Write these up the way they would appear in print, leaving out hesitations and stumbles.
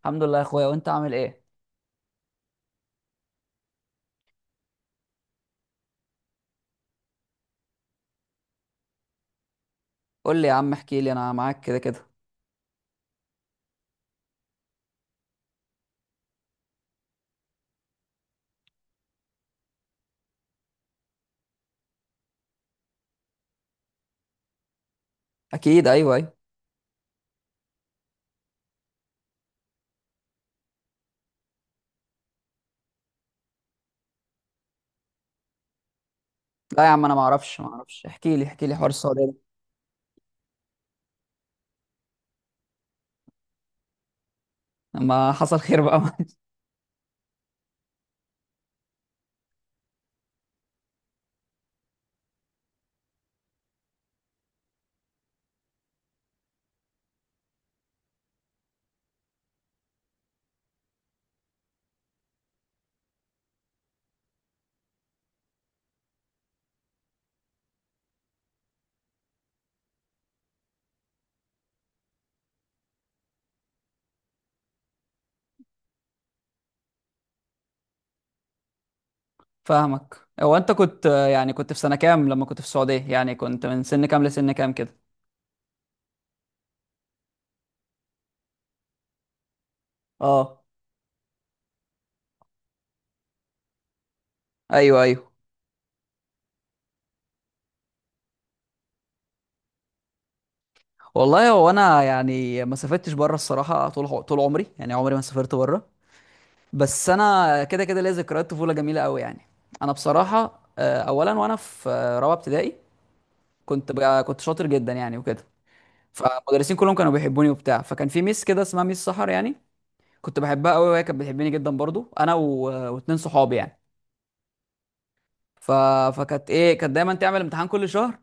الحمد لله يا اخويا، وانت عامل ايه؟ قول لي يا عم، احكي لي، انا معاك كده كده. اكيد، ايوه، ايوه. لا يا عم، انا ما اعرفش، احكي لي حوار السعوديه ده. لما حصل خير بقى. فاهمك، هو انت كنت يعني كنت في سنه كام لما كنت في السعوديه؟ يعني كنت من سن كام لسن كام كده؟ اه. ايوه، ايوه. والله، هو انا يعني ما سافرتش بره الصراحه طول طول عمري، يعني عمري ما سافرت بره. بس انا كده كده ليا ذكريات طفوله جميله قوي يعني. انا بصراحه اولا وانا في رابعه ابتدائي. كنت شاطر جدا يعني وكده. فالمدرسين كلهم كانوا بيحبوني وبتاع، فكان في ميس كده اسمها ميس سحر يعني. كنت بحبها قوي وهي كانت بتحبني جدا برضو، انا واتنين صحابي يعني. ف... فكانت ايه، كانت دايما تعمل امتحان كل شهر.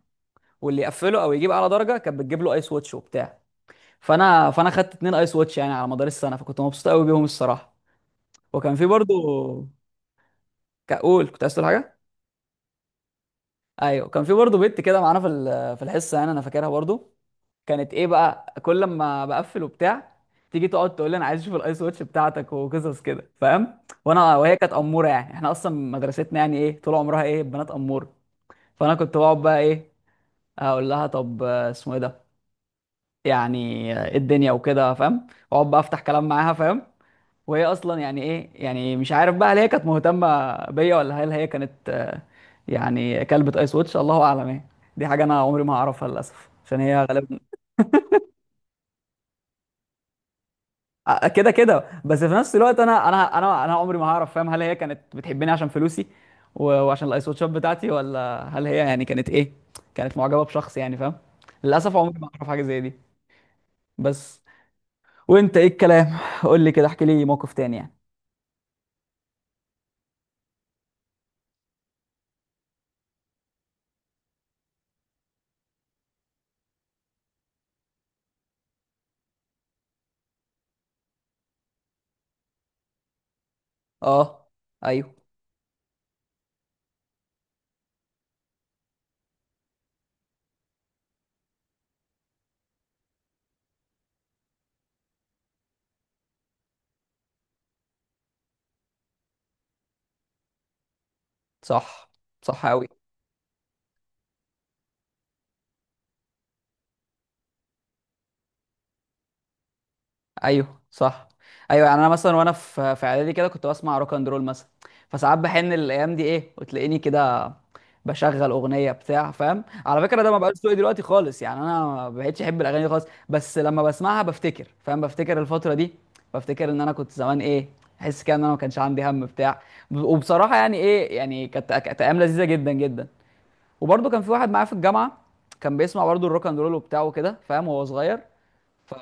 واللي يقفله او يجيب اعلى درجه كانت بتجيب له ايس واتش وبتاع. فانا خدت اتنين ايس واتش يعني على مدار السنه، فكنت مبسوط قوي بيهم الصراحه. وكان في برضو. كقول كنت عايز تقول حاجه؟ ايوه، كان في برضو بنت كده معانا في الحصه يعني، انا فاكرها برضو. كانت ايه بقى، كل ما بقفل وبتاع تيجي تقعد تقول لي انا عايز اشوف الايس واتش بتاعتك وقصص كده، فاهم؟ وانا، وهي كانت اموره يعني، احنا اصلا مدرستنا يعني ايه، طول عمرها ايه، بنات اموره. فانا كنت بقعد بقى ايه، اقول لها طب اسمه ايه ده؟ يعني ايه الدنيا وكده، فاهم؟ واقعد بقى افتح كلام معاها، فاهم؟ وهي اصلا يعني ايه، يعني مش عارف بقى هل هي كانت مهتمه بيا، ولا هل هي كانت يعني كلبة ايس واتش، الله اعلم ايه. دي حاجه انا عمري ما هعرفها للاسف، عشان هي غالبا كده كده، بس في نفس الوقت انا عمري ما هعرف، فاهم، هل هي كانت بتحبني عشان فلوسي وعشان الايس واتشات بتاعتي، ولا هل هي يعني كانت ايه، كانت معجبه بشخص يعني، فاهم؟ للاسف، عمري ما اعرف حاجه زي دي. بس. وانت ايه الكلام؟ قول لي كده، احكي لي موقف تاني يعني. اه. ايوه، صح. صح قوي. ايوه، صح. ايوه، يعني انا مثلا وانا في اعدادي كده، كنت بسمع روك اند رول مثلا. فساعات بحن الايام دي ايه، وتلاقيني كده بشغل اغنيه بتاع، فاهم. على فكره ده ما بقاش ذوقي دلوقتي خالص، يعني انا ما بقتش احب الاغاني دي خالص، بس لما بسمعها بفتكر، فاهم، بفتكر الفتره دي. بفتكر ان انا كنت زمان ايه، احس كده ان انا ما كانش عندي هم بتاع. وبصراحه يعني ايه، يعني كانت ايام لذيذه جدا جدا. وبرده كان في واحد معايا في الجامعه، كان بيسمع برضه الروك اند رول وبتاعه كده، فاهم، وهو صغير. ف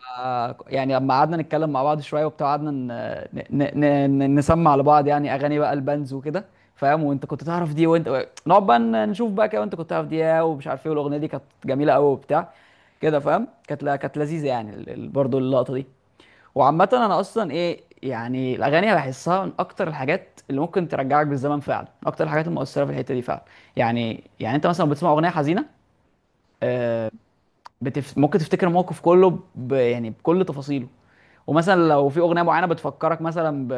يعني لما قعدنا نتكلم مع بعض شويه وبتاع، قعدنا نسمع لبعض يعني اغاني بقى البانز وكده، فاهم. وانت كنت تعرف دي؟ وانت نقعد بقى نشوف بقى كده، وانت كنت تعرف دي إيه، ومش عارف ايه، والاغنيه دي كانت جميله قوي وبتاع. كده فاهم، كانت لذيذه يعني برضو اللقطه دي. وعامه، انا اصلا ايه، يعني الاغاني بحسها من اكتر الحاجات اللي ممكن ترجعك بالزمن فعلا، من اكتر الحاجات المؤثره في الحته دي فعلا. يعني انت مثلا بتسمع اغنيه حزينه، آه، ممكن تفتكر الموقف كله، يعني بكل تفاصيله. ومثلا لو في اغنيه معينه بتفكرك مثلا ب...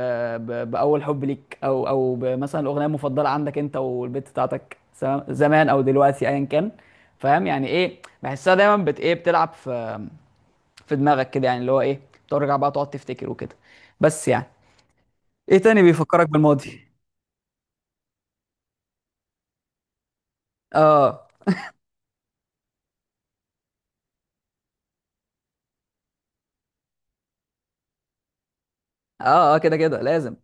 ب... باول حب ليك، او مثلا الاغنيه المفضله عندك انت والبت بتاعتك، سواء زمان او دلوقتي ايا كان. فاهم، يعني ايه بحسها دايما بت ايه بتلعب في في دماغك كده، يعني اللي هو ايه، بترجع بقى تقعد تفتكر وكده. بس يعني، ايه تاني بيفكرك بالماضي؟ اه، اه، اه، كده كده لازم.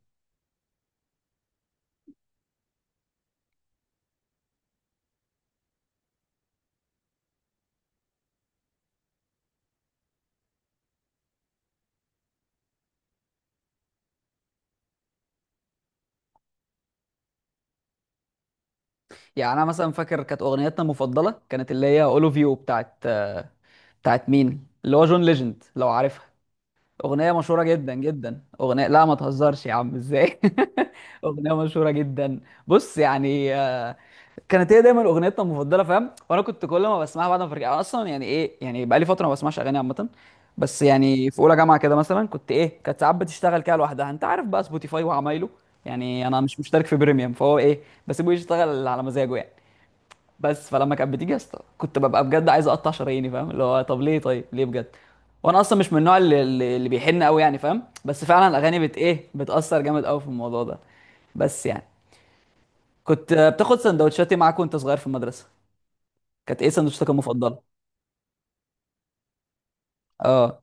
يعني انا مثلا فاكر كانت اغنيتنا المفضله، كانت اللي هي اولوف يو بتاعت مين؟ اللي هو جون ليجند لو عارفها. اغنيه مشهوره جدا جدا، اغنيه، لا ما تهزرش يا عم ازاي. اغنيه مشهوره جدا. بص يعني كانت هي دايما اغنيتنا المفضله، فاهم. وانا كنت كل ما بسمعها بعد ما برجع. أنا اصلا يعني ايه، يعني بقالي فتره ما بسمعش اغاني عامه. بس يعني، في اولى جامعه كده مثلا، كنت ايه، كانت ساعات بتشتغل كده لوحدها، انت عارف بقى سبوتيفاي وعمايله. يعني انا مش مشترك في بريميوم، فهو ايه، بسيبه يشتغل على مزاجه يعني. بس فلما كانت بتيجي يا اسطى، كنت ببقى بجد عايز اقطع شراييني، فاهم، اللي هو طب ليه طيب ليه بجد. وانا اصلا مش من النوع اللي بيحن قوي يعني، فاهم، بس فعلا الاغاني بت ايه بتاثر جامد قوي في الموضوع ده. بس يعني، كنت بتاخد سندوتشاتي معاك وانت صغير في المدرسه؟ كانت ايه سندوتشاتك المفضله؟ اه،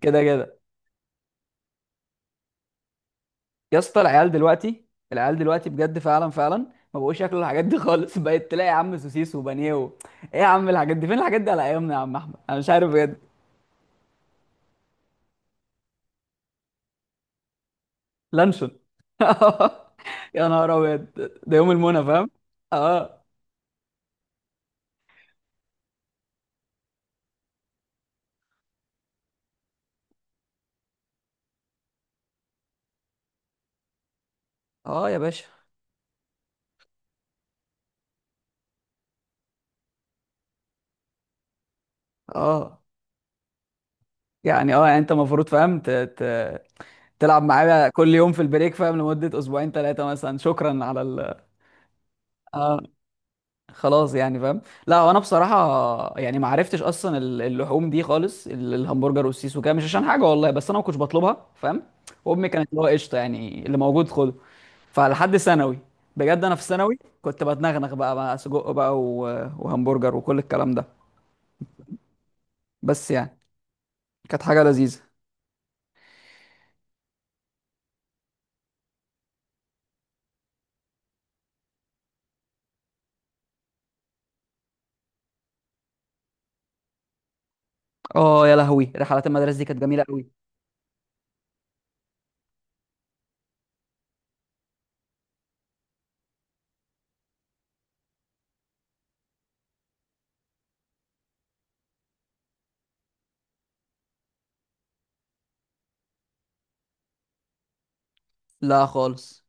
كده كده. يا اسطى، العيال دلوقتي بجد فعلا فعلا ما بقوش ياكلوا الحاجات دي خالص. بقيت تلاقي يا عم سوسيس وبانيه ايه يا عم، الحاجات دي، فين الحاجات دي على ايامنا يا عم احمد، انا مش عارف بجد. لانشون! يا نهار ابيض! ده يوم المنى، فاهم. اه، اه يا باشا. اه يعني، انت المفروض فاهم تلعب معايا كل يوم في البريك، فاهم، لمدة اسبوعين ثلاثة مثلا، شكرا على ال. اه، خلاص يعني، فاهم. لا، وانا بصراحة يعني ما عرفتش اصلا اللحوم دي خالص، الهمبرجر والسوسيس وكده، مش عشان حاجة والله، بس انا ما كنتش بطلبها، فاهم. وامي كانت اللي هو قشطة يعني، اللي موجود خده. فلحد ثانوي، بجد انا في ثانوي كنت بتنغنغ بقى سجق بقى وهمبرجر وكل الكلام ده. بس يعني، كانت حاجه لذيذه. اه، يا لهوي، رحلات المدرسه دي كانت جميله قوي. لا خالص.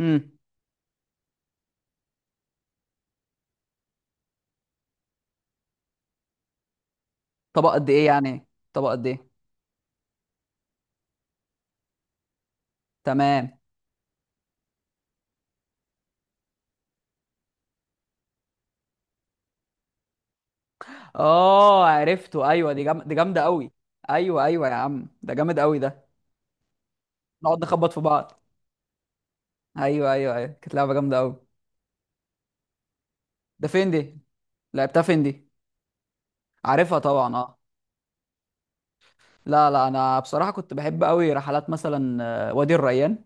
امم. طبق قد ايه يعني؟ طبق قد ايه؟ تمام. اه، عرفته، ايوه، دي جامده قوي. ايوه، ايوه يا عم، ده جامد قوي ده. نقعد نخبط في بعض. ايوه، ايوه، ايوه، كانت لعبه جامده قوي. ده فين دي؟ لعبتها فين دي؟ عارفها طبعا، اه. لا، لا، انا بصراحه كنت بحب قوي رحلات، مثلا وادي الريان.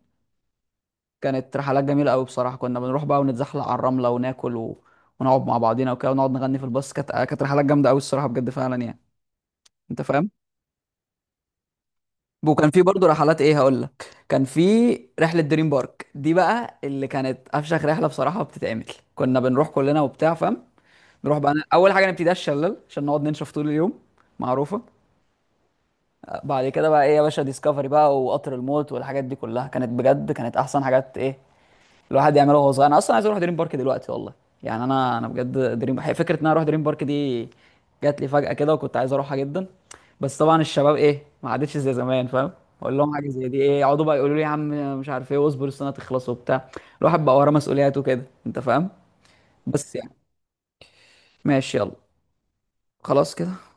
كانت رحلات جميله قوي بصراحه، كنا بنروح بقى ونتزحلق على الرمله وناكل ونقعد مع بعضينا وكده، ونقعد نغني في الباص، كانت رحلات جامده قوي الصراحه، بجد فعلا يعني. انت فاهم؟ وكان في برضه رحلات ايه، هقول لك، كان في رحله دريم بارك دي بقى، اللي كانت افشخ رحله بصراحه بتتعمل. كنا بنروح كلنا وبتاع، فاهم، نروح بقى اول حاجه نبتدي الشلال عشان نقعد ننشف طول اليوم، معروفه. بعد كده بقى ايه يا باشا، ديسكفري بقى وقطر الموت والحاجات دي كلها كانت بجد، كانت احسن حاجات ايه الواحد يعملها وهو صغير. انا اصلا عايز اروح دريم بارك دلوقتي والله. يعني انا بجد دريم، فكره ان انا اروح دريم بارك دي جات لي فجاه كده، وكنت عايز اروحها جدا. بس طبعا الشباب ايه، ما عادتش زي زمان، فاهم. اقول لهم حاجه زي دي ايه، يقعدوا بقى يقولوا لي يا عم مش عارف ايه، واصبر السنه تخلص وبتاع. الواحد بقى وراه مسؤوليات وكده، انت فاهم. بس يعني، ماشي، يلا، خلاص كده.